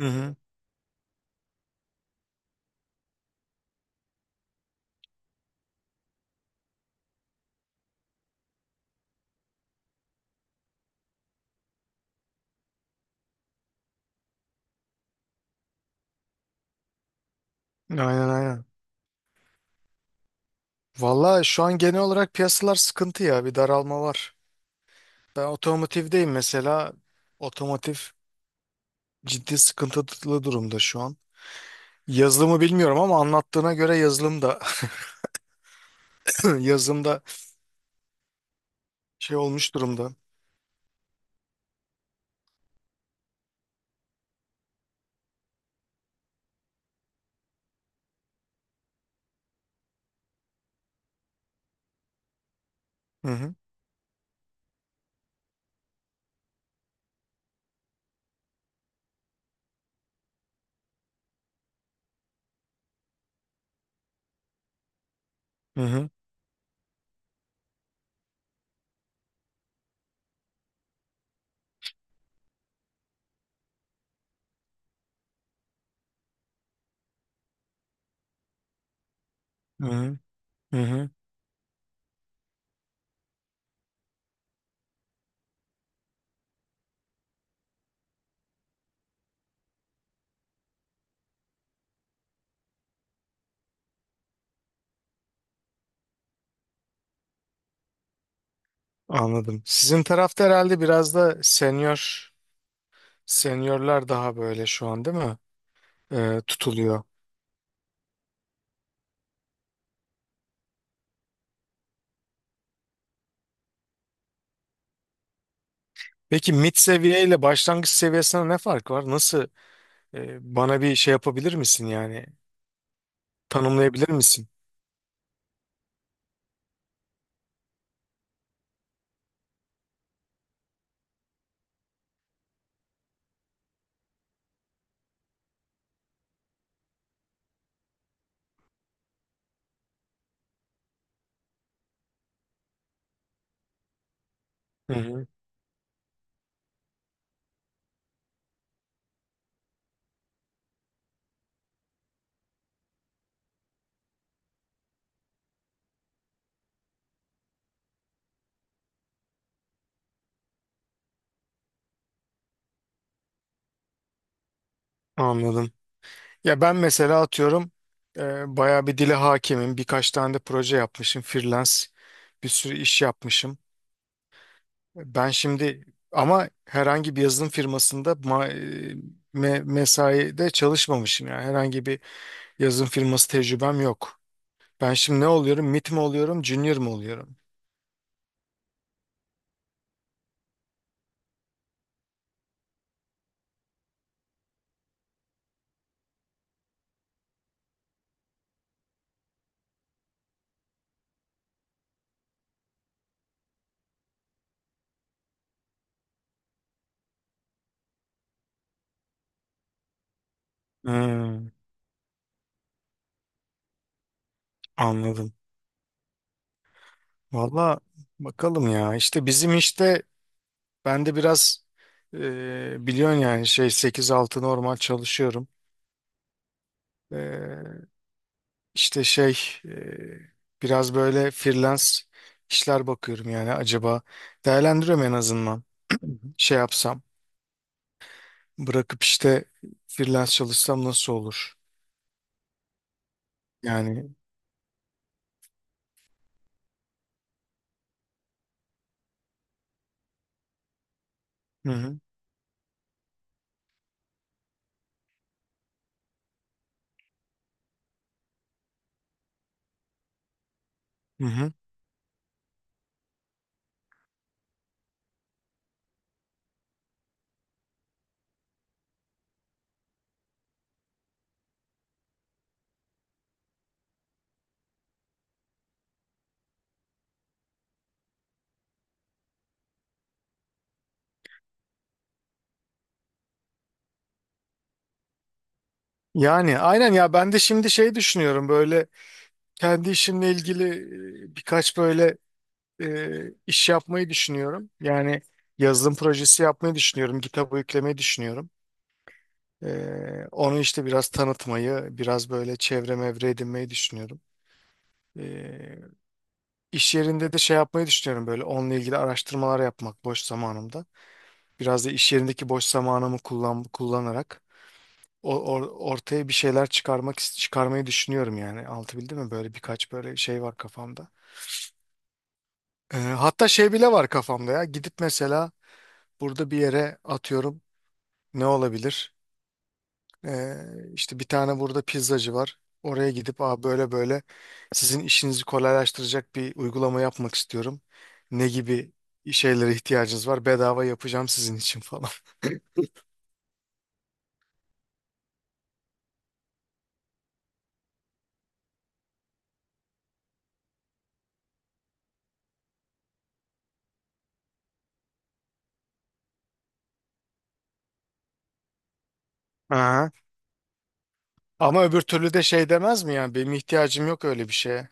Hı hı. Aynen aynen. Valla şu an genel olarak piyasalar sıkıntı ya. Bir daralma var. Ben otomotivdeyim mesela. Otomotiv ciddi sıkıntılı durumda şu an. Yazılımı bilmiyorum ama anlattığına göre yazılım da yazılım da şey olmuş durumda. Hı hı. Hı hı. Hı hı. Hı hı. Anladım. Sizin tarafta herhalde biraz da seniorlar daha böyle şu an, değil mi? Tutuluyor. Peki mid seviye ile başlangıç seviyesine ne fark var? Nasıl? Bana bir şey yapabilir misin yani? Tanımlayabilir misin? Hı hı, anladım. Ya ben mesela atıyorum, bayağı bir dile hakimim. Birkaç tane de proje yapmışım. Freelance bir sürü iş yapmışım. Ben şimdi ama herhangi bir yazılım firmasında mesaide çalışmamışım. Yani herhangi bir yazılım firması tecrübem yok. Ben şimdi ne oluyorum? Mid mi oluyorum? Junior mu oluyorum? Hmm, anladım. Valla bakalım ya. İşte bizim işte, ben de biraz, biliyorsun yani şey sekiz altı normal çalışıyorum. E, işte şey, biraz böyle freelance işler bakıyorum yani, acaba, değerlendiriyorum en azından. Şey yapsam, bırakıp işte freelance çalışsam nasıl olur? Yani hı hı, hı hı. Yani aynen ya, ben de şimdi şey düşünüyorum böyle, kendi işimle ilgili birkaç böyle e, iş yapmayı düşünüyorum. Yani yazılım projesi yapmayı düşünüyorum. GitHub'a yüklemeyi düşünüyorum. E, onu işte biraz tanıtmayı, biraz böyle çevre mevre edinmeyi düşünüyorum. E, iş yerinde de şey yapmayı düşünüyorum, böyle onunla ilgili araştırmalar yapmak boş zamanımda. Biraz da iş yerindeki boş zamanımı kullanarak ortaya bir şeyler çıkarmayı düşünüyorum yani. Altı bildi mi? Böyle birkaç böyle şey var kafamda. E, hatta şey bile var kafamda ya. Gidip mesela burada bir yere, atıyorum, ne olabilir? Ee, işte bir tane burada pizzacı var. Oraya gidip, aa, böyle böyle sizin işinizi kolaylaştıracak bir uygulama yapmak istiyorum. Ne gibi şeylere ihtiyacınız var? Bedava yapacağım sizin için falan. Aha. Ama öbür türlü de şey demez mi yani? Benim ihtiyacım yok öyle bir şeye.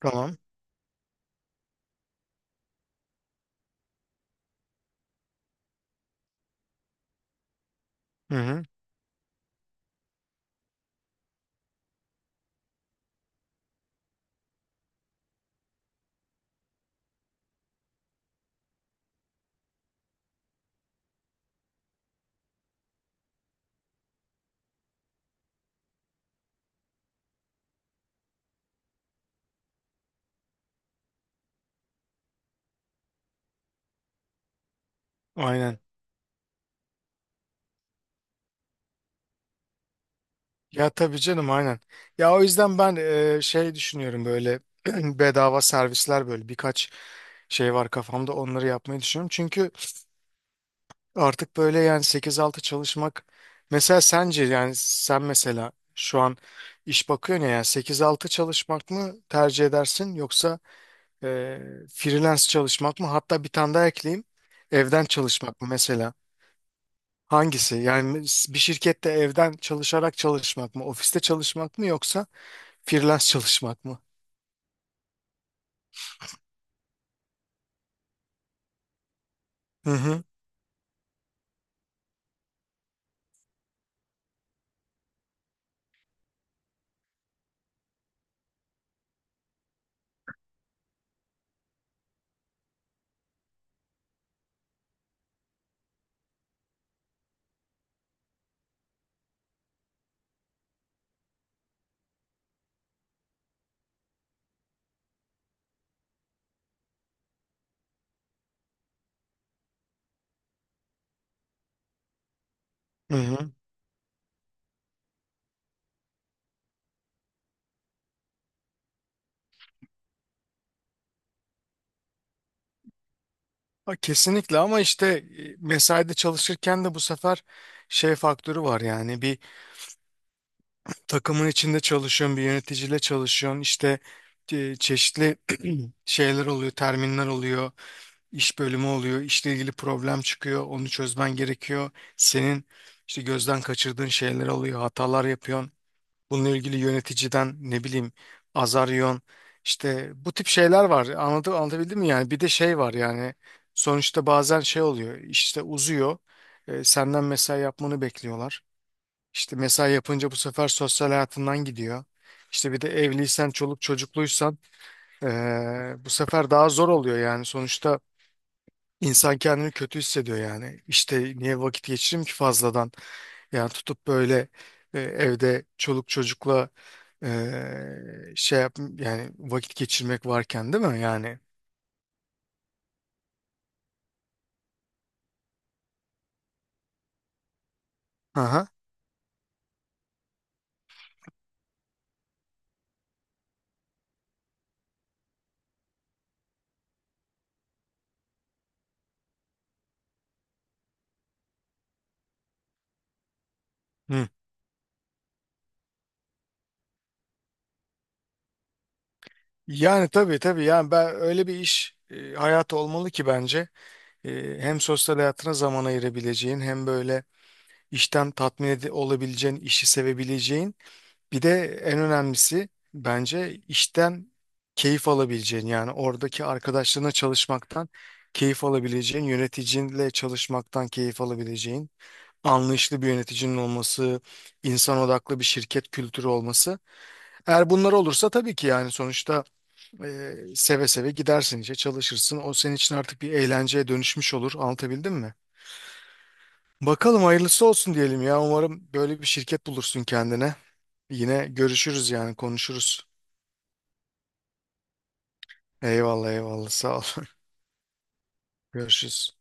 Tamam. Hı hı. Aynen. Ya tabii canım, aynen. Ya o yüzden ben, şey düşünüyorum böyle, bedava servisler, böyle birkaç şey var kafamda, onları yapmayı düşünüyorum. Çünkü artık böyle yani, sekiz altı çalışmak mesela, sence yani, sen mesela şu an iş bakıyorsun ya, yani sekiz altı çalışmak mı tercih edersin, yoksa e, freelance çalışmak mı? Hatta bir tane daha ekleyeyim, evden çalışmak mı mesela? Hangisi yani, bir şirkette evden çalışarak çalışmak mı, ofiste çalışmak mı, yoksa freelance çalışmak mı? Hı hı. Hı hı. Ha, kesinlikle. Ama işte mesaide çalışırken de bu sefer şey faktörü var yani, takımın içinde çalışıyorsun, bir yöneticiyle çalışıyorsun. İşte çeşitli şeyler oluyor, terminler oluyor, iş bölümü oluyor, işle ilgili problem çıkıyor, onu çözmen gerekiyor. Senin işte gözden kaçırdığın şeyler oluyor, hatalar yapıyorsun. Bununla ilgili yöneticiden, ne bileyim, azar yiyorsun. İşte bu tip şeyler var. Anladım, anlatabildim mi yani? Bir de şey var yani, sonuçta bazen şey oluyor, işte uzuyor. E, senden mesai yapmanı bekliyorlar. İşte mesai yapınca bu sefer sosyal hayatından gidiyor. İşte bir de evliysen, çoluk çocukluysan, bu sefer daha zor oluyor yani. Sonuçta insan kendini kötü hissediyor yani. İşte niye vakit geçireyim ki fazladan? Yani tutup böyle evde çoluk çocukla şey yap yani, vakit geçirmek varken, değil mi yani? Aha. Hı. Yani tabii tabii yani, ben öyle bir iş, hayatı olmalı ki, bence, hem sosyal hayatına zaman ayırabileceğin, hem böyle işten olabileceğin, işi sevebileceğin. Bir de en önemlisi, bence işten keyif alabileceğin, yani oradaki arkadaşlarına çalışmaktan keyif alabileceğin, yöneticinle çalışmaktan keyif alabileceğin, anlayışlı bir yöneticinin olması, insan odaklı bir şirket kültürü olması. Eğer bunlar olursa tabii ki yani, sonuçta seve seve gidersin işe, çalışırsın. O senin için artık bir eğlenceye dönüşmüş olur. Anlatabildim mi? Bakalım, hayırlısı olsun diyelim ya. Umarım böyle bir şirket bulursun kendine. Yine görüşürüz yani, konuşuruz. Eyvallah eyvallah, sağ ol. Görüşürüz.